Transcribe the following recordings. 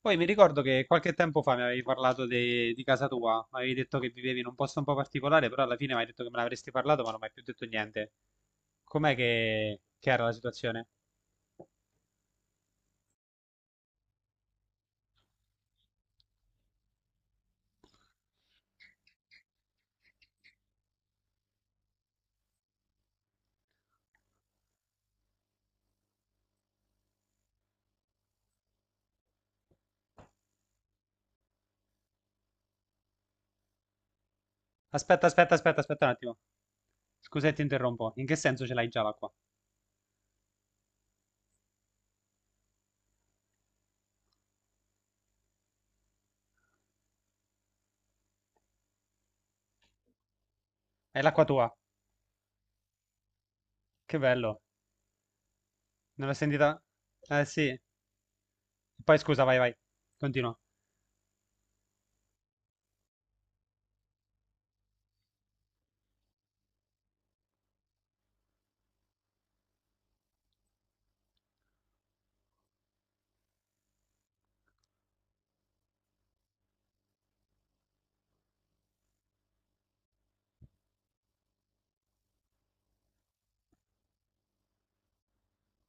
Poi mi ricordo che qualche tempo fa mi avevi parlato di casa tua, mi avevi detto che vivevi in un posto un po' particolare, però alla fine mi hai detto che me l'avresti parlato, ma non mi hai più detto niente. Com'è che era la situazione? Aspetta, aspetta, aspetta, aspetta un attimo. Scusa, se ti interrompo. In che senso ce l'hai già l'acqua? È l'acqua tua. Che bello. Non l'ho sentita? Eh sì. Poi scusa, vai, vai. Continua.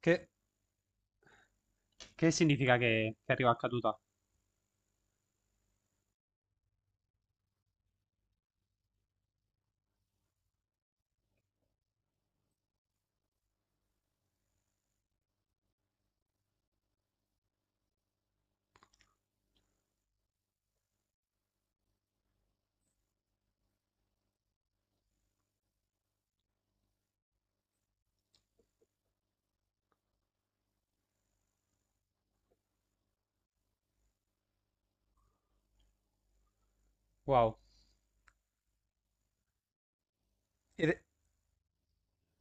Che, che significa che arriva a caduta? Wow. Ed-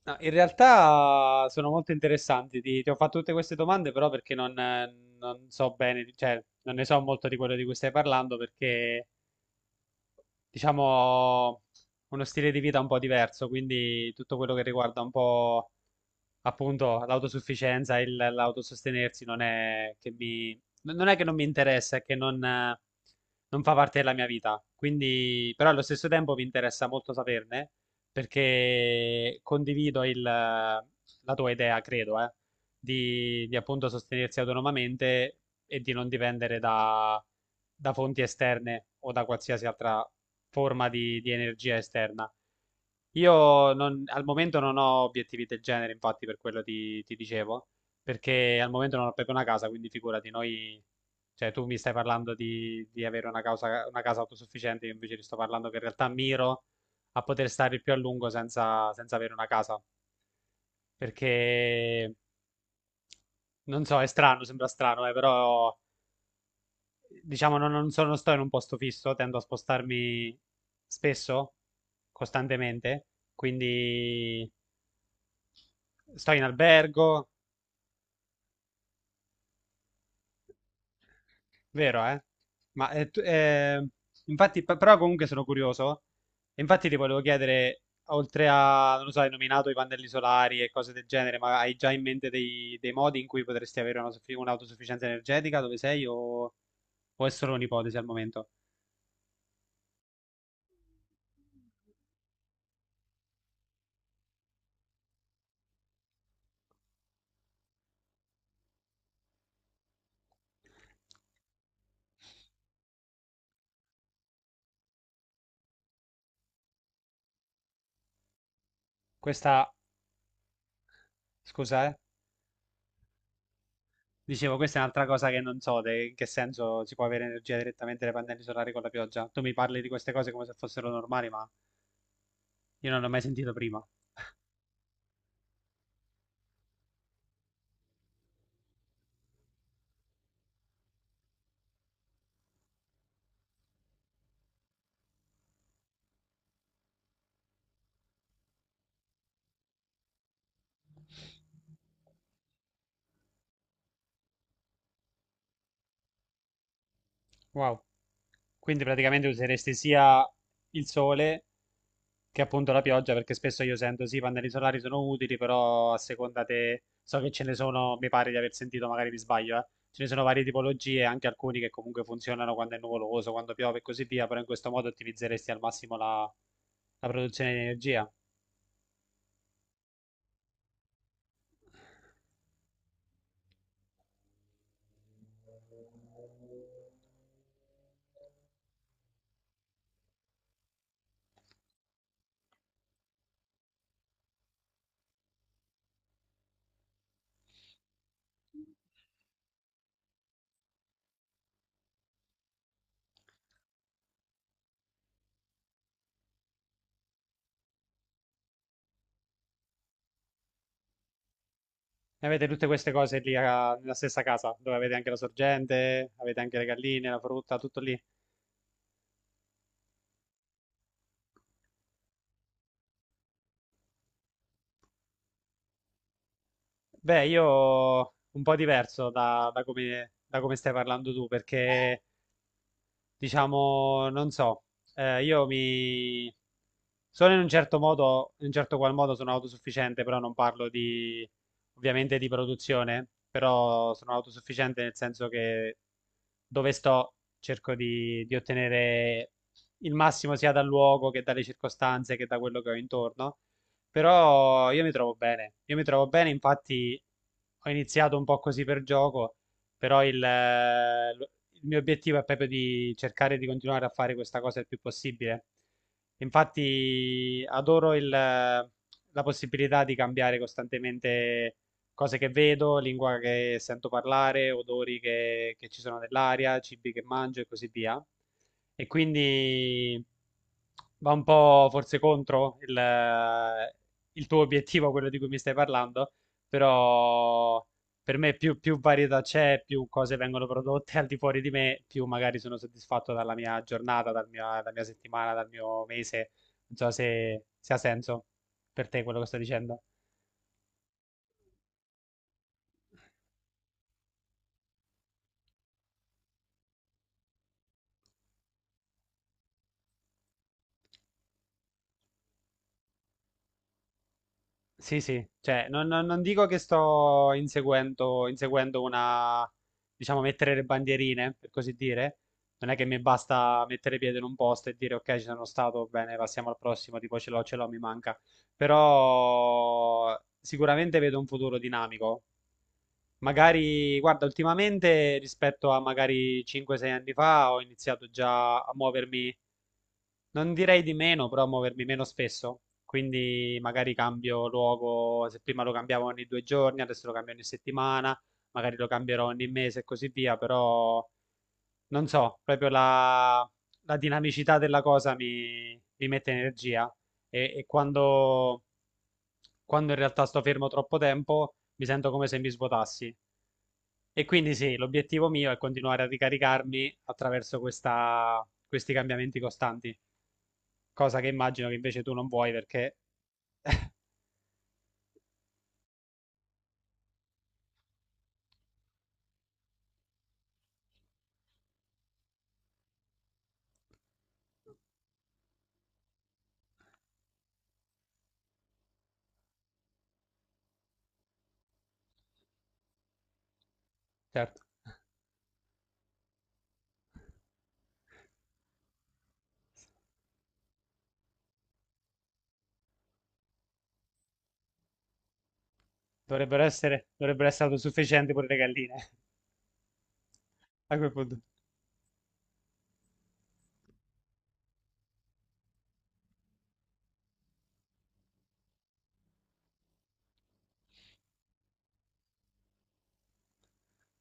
No, in realtà sono molto interessanti. Ti ho fatto tutte queste domande, però perché non so bene, cioè non ne so molto di quello di cui stai parlando, perché diciamo, uno stile di vita un po' diverso, quindi tutto quello che riguarda un po' appunto l'autosufficienza, l'autosostenersi non è che non mi interessa, è che non fa parte della mia vita. Quindi, però allo stesso tempo mi interessa molto saperne perché condivido la tua idea, credo, di appunto sostenersi autonomamente e di non dipendere da fonti esterne o da qualsiasi altra forma di energia esterna. Io non- Al momento non ho obiettivi del genere, infatti, per quello ti dicevo, perché al momento non ho proprio una casa, quindi figurati, cioè tu mi stai parlando di avere una casa autosufficiente, io invece ti sto parlando che in realtà miro a poter stare il più a lungo senza avere una casa, perché non so, è strano, sembra strano, però diciamo, non sto in un posto fisso, tendo a spostarmi spesso, costantemente, quindi sto in albergo, vero, eh? Ma infatti, però comunque sono curioso, e infatti ti volevo chiedere, oltre a, non lo so, hai nominato i pannelli solari e cose del genere, ma hai già in mente dei modi in cui potresti avere un'autosufficienza energetica dove sei o è solo un'ipotesi al momento? Questa, scusa, eh? Dicevo, questa è un'altra cosa che non so, in che senso si può avere energia direttamente dai pannelli solari con la pioggia. Tu mi parli di queste cose come se fossero normali, ma io non l'ho mai sentito prima. Wow. Quindi praticamente useresti sia il sole che appunto la pioggia, perché spesso io sento sì, i pannelli solari sono utili, però a seconda te so che ce ne sono, mi pare di aver sentito, magari mi sbaglio, eh. Ce ne sono varie tipologie, anche alcuni che comunque funzionano quando è nuvoloso, quando piove e così via, però in questo modo ottimizzeresti al massimo la produzione di energia. E avete tutte queste cose lì nella stessa casa, dove avete anche la sorgente, avete anche le galline, la frutta, tutto lì. Beh, io un po' diverso da come stai parlando tu, perché diciamo, non so, io mi sono in un certo modo, in un certo qual modo sono autosufficiente, però non parlo di, ovviamente di produzione, però sono autosufficiente nel senso che dove sto cerco di ottenere il massimo sia dal luogo che dalle circostanze che da quello che ho intorno. Però io mi trovo bene, io mi trovo bene, infatti ho iniziato un po' così per gioco, però il mio obiettivo è proprio di cercare di continuare a fare questa cosa il più possibile. Infatti adoro la possibilità di cambiare costantemente cose che vedo, lingua che sento parlare, odori che ci sono nell'aria, cibi che mangio e così via. E quindi va un po' forse contro il tuo obiettivo, quello di cui mi stai parlando, però per me più varietà c'è, più cose vengono prodotte al di fuori di me, più magari sono soddisfatto dalla mia giornata, dalla mia settimana, dal mio mese. Non so se ha senso per te quello che sto dicendo. Sì, sì, cioè non dico che sto inseguendo diciamo, mettere le bandierine, per così dire. Non è che mi basta mettere piede in un posto e dire ok, ci sono stato, bene, passiamo al prossimo, tipo ce l'ho, mi manca. Però sicuramente vedo un futuro dinamico. Magari, guarda, ultimamente rispetto a magari 5-6 anni fa ho iniziato già a muovermi non direi di meno, però muovermi meno spesso. Quindi magari cambio luogo, se prima lo cambiavo ogni 2 giorni, adesso lo cambio ogni settimana, magari lo cambierò ogni mese e così via, però non so, proprio la, la dinamicità della cosa mi mette energia e quando in realtà sto fermo troppo tempo mi sento come se mi svuotassi. E quindi sì, l'obiettivo mio è continuare a ricaricarmi attraverso questi cambiamenti costanti cosa che immagino che invece tu non vuoi perché certo, dovrebbero essere autosufficienti pure le galline. A quel punto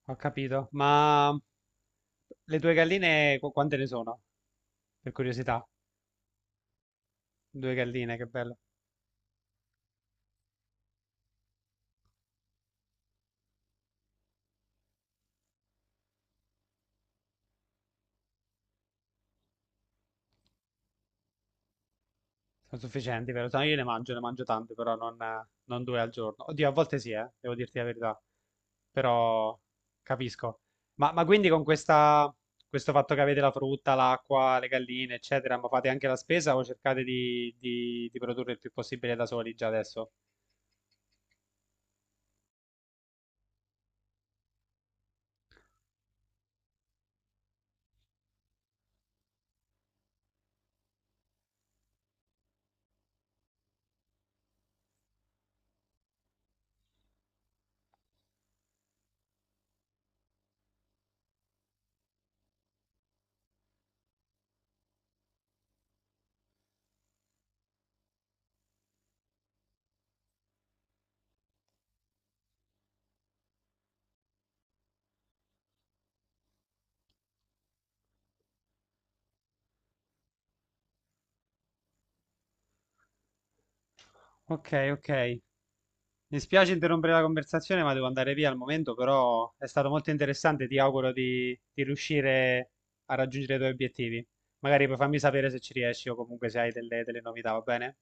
ho capito. Ma le tue galline quante ne sono? Per curiosità, due galline, che bello. Sono sufficienti, vero? No, io ne mangio tante, però non 2 al giorno. Oddio, a volte sì, devo dirti la verità. Però capisco. Ma quindi con questo fatto che avete la frutta, l'acqua, le galline, eccetera, ma fate anche la spesa o cercate di produrre il più possibile da soli già adesso? Ok, ok. Mi spiace interrompere la conversazione, ma devo andare via al momento, però è stato molto interessante. Ti auguro di riuscire a raggiungere i tuoi obiettivi. Magari poi fammi sapere se ci riesci o comunque se hai delle novità, va bene?